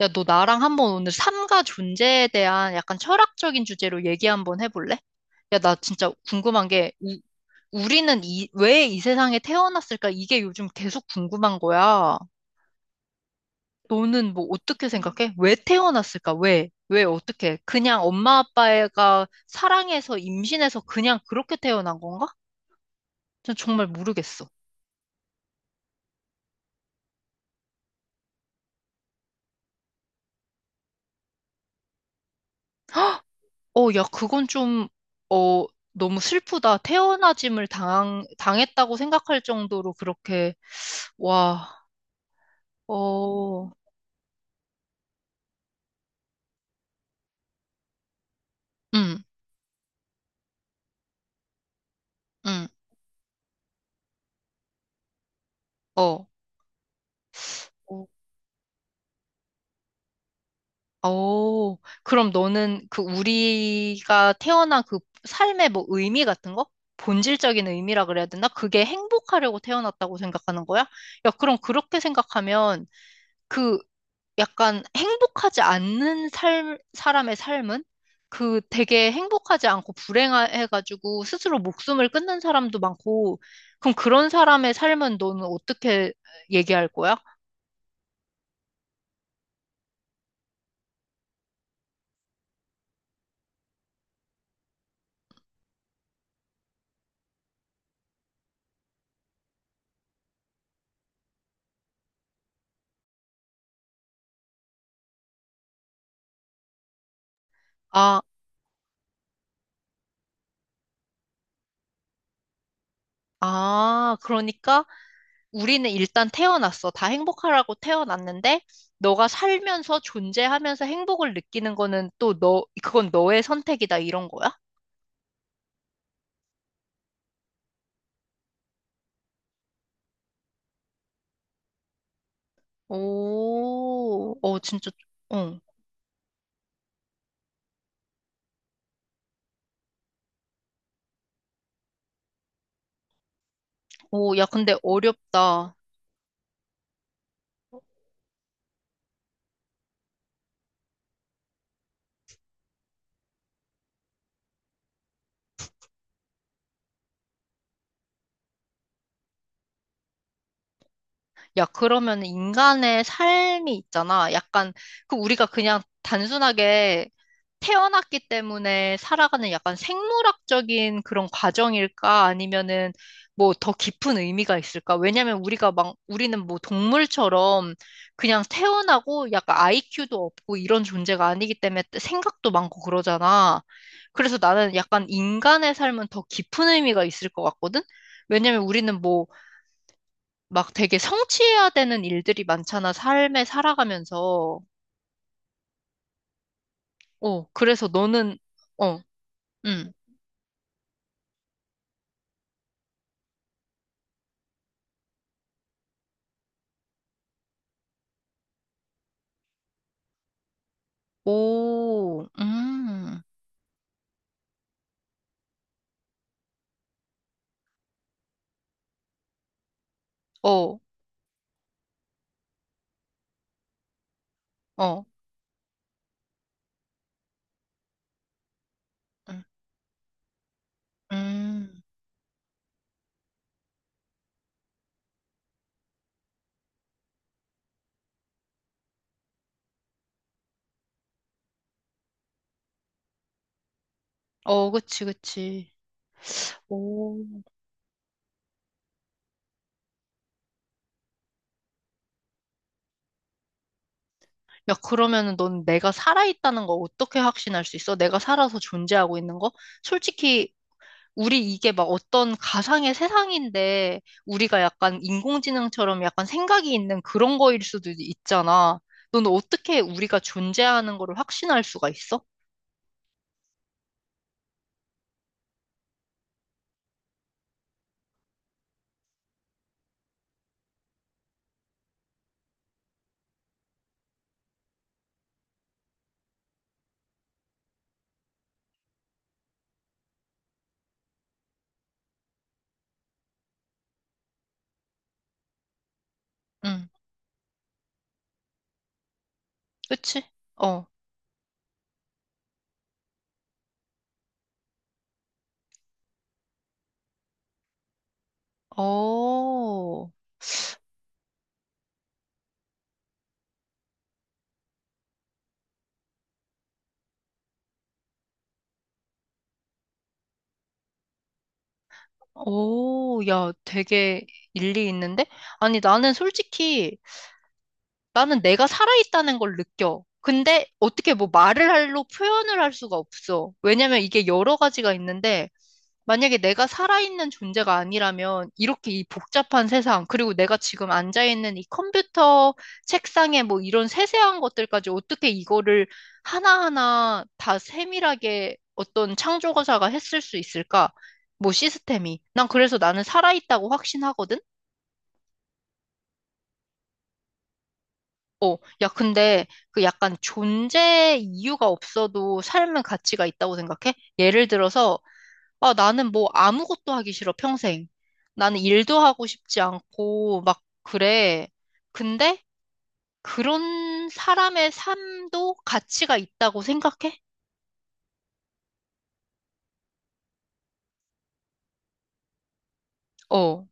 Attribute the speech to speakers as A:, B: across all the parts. A: 야, 너 나랑 한번 오늘 삶과 존재에 대한 약간 철학적인 주제로 얘기 한번 해볼래? 야, 나 진짜 궁금한 게, 우리는 왜 이 세상에 태어났을까? 이게 요즘 계속 궁금한 거야. 너는 뭐 어떻게 생각해? 왜 태어났을까? 왜? 왜 어떻게? 그냥 엄마 아빠가 사랑해서 임신해서 그냥 그렇게 태어난 건가? 전 정말 모르겠어. 어, 야, 그건 좀, 어, 너무 슬프다. 태어나짐을 당했다고 생각할 정도로 그렇게, 와. 어, 응, 응, 어. 어, 오, 그럼 너는 그 우리가 태어난 그 삶의 뭐 의미 같은 거? 본질적인 의미라 그래야 되나? 그게 행복하려고 태어났다고 생각하는 거야? 야, 그럼 그렇게 생각하면 그 약간 행복하지 않는 사람의 삶은 그 되게 행복하지 않고 불행해가지고 스스로 목숨을 끊는 사람도 많고, 그럼 그런 사람의 삶은 너는 어떻게 얘기할 거야? 아, 아, 그러니까 우리는 일단 태어났어. 다 행복하라고 태어났는데, 너가 살면서 존재하면서 행복을 느끼는 거는 또 그건 너의 선택이다, 이런 거야? 오, 어, 진짜, 응. 오, 야, 근데 어렵다. 야, 그러면 인간의 삶이 있잖아. 약간, 그 우리가 그냥 단순하게 태어났기 때문에 살아가는 약간 생물학적인 그런 과정일까? 아니면은 뭐 더 깊은 의미가 있을까? 왜냐면 우리는 뭐 동물처럼 그냥 태어나고 약간 IQ도 없고 이런 존재가 아니기 때문에 생각도 많고 그러잖아. 그래서 나는 약간 인간의 삶은 더 깊은 의미가 있을 것 같거든? 왜냐면 우리는 뭐 막 되게 성취해야 되는 일들이 많잖아, 삶에 살아가면서. 어, 그래서 너는, 어, 음, 오, 어, 어, 음, 음. 어, 그치, 그치. 오. 야, 그러면은 넌 내가 살아있다는 거 어떻게 확신할 수 있어? 내가 살아서 존재하고 있는 거? 솔직히 우리 이게 막 어떤 가상의 세상인데 우리가 약간 인공지능처럼 약간 생각이 있는 그런 거일 수도 있잖아. 너는 어떻게 우리가 존재하는 거를 확신할 수가 있어? 응, 그치? 어, 어, 오, 야, 되게 일리 있는데? 아니, 나는 솔직히 나는 내가 살아있다는 걸 느껴. 근데 어떻게 뭐 말을 할로 표현을 할 수가 없어. 왜냐면 이게 여러 가지가 있는데 만약에 내가 살아있는 존재가 아니라면 이렇게 이 복잡한 세상, 그리고 내가 지금 앉아있는 이 컴퓨터 책상에 뭐 이런 세세한 것들까지 어떻게 이거를 하나하나 다 세밀하게 어떤 창조가사가 했을 수 있을까? 뭐 시스템이. 난 그래서 나는 살아있다고 확신하거든? 어, 야, 근데 그 약간 존재 이유가 없어도 삶은 가치가 있다고 생각해? 예를 들어서 아, 나는 뭐 아무것도 하기 싫어, 평생. 나는 일도 하고 싶지 않고, 막, 그래. 근데 그런 사람의 삶도 가치가 있다고 생각해? 어,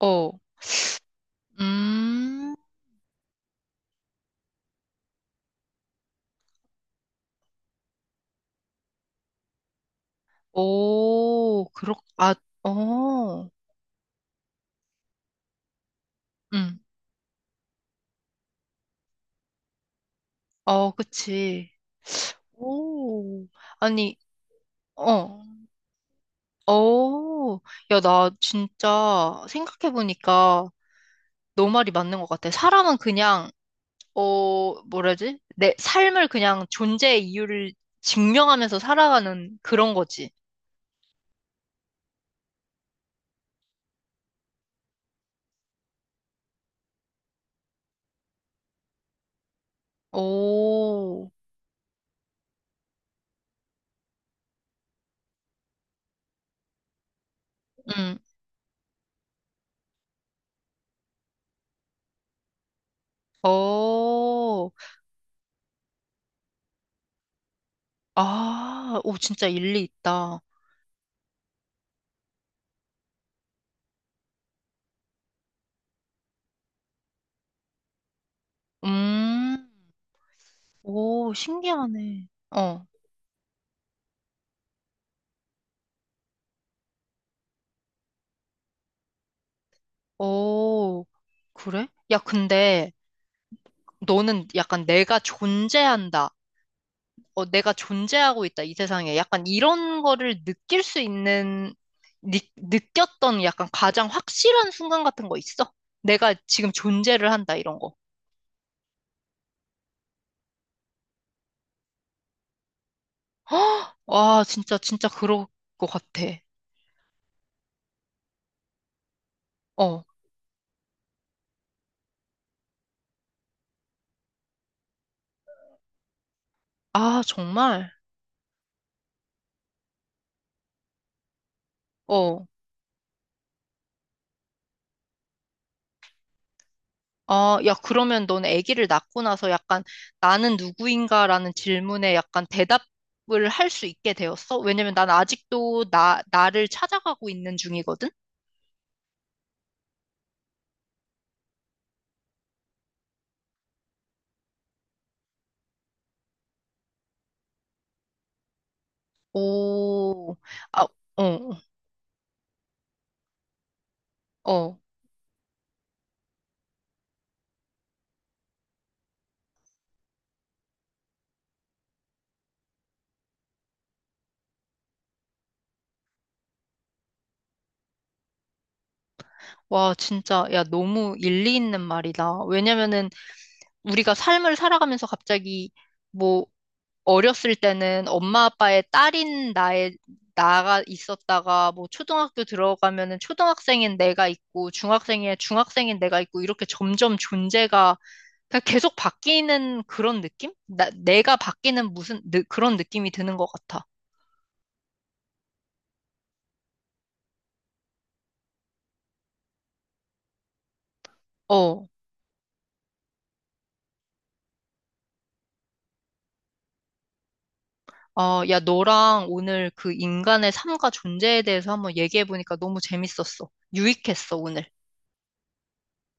A: 어, 음, 오, 그렇, 아, 어, 음, 어, 그치. 오, 아니, 어, 어, 야, 나 진짜 생각해보니까 너 말이 맞는 것 같아. 사람은 그냥 어, 뭐라지? 내 삶을 그냥 존재의 이유를 증명하면서 살아가는 그런 거지. 오, 응, 오 아, 오, 진짜 일리 있다. 음, 오, 신기하네. 어, 오, 그래? 야, 근데 너는 약간 내가 존재한다. 어, 내가 존재하고 있다, 이 세상에. 약간 이런 거를 느낄 수 있는, 느꼈던 약간 가장 확실한 순간 같은 거 있어? 내가 지금 존재를 한다, 이런 거. 와, 진짜, 진짜 그럴 것 같아. 어. 아, 정말? 어. 아, 야, 그러면 넌 아기를 낳고 나서 약간 나는 누구인가라는 질문에 약간 대답을 할 수 있게 되었어? 왜냐면 난 아직도 나를 찾아가고 있는 중이거든? 오, 아, 어, 어. 와, 진짜, 야, 너무 일리 있는 말이다. 왜냐면은 우리가 삶을 살아가면서 갑자기 뭐 어렸을 때는 엄마 아빠의 딸인 나의 나가 있었다가 뭐 초등학교 들어가면은 초등학생인 내가 있고 중학생의 중학생인 내가 있고 이렇게 점점 존재가 그냥 계속 바뀌는 그런 느낌? 내가 바뀌는 무슨 그런 느낌이 드는 것 같아. 어. 어, 야, 너랑 오늘 그 인간의 삶과 존재에 대해서 한번 얘기해보니까 너무 재밌었어. 유익했어, 오늘.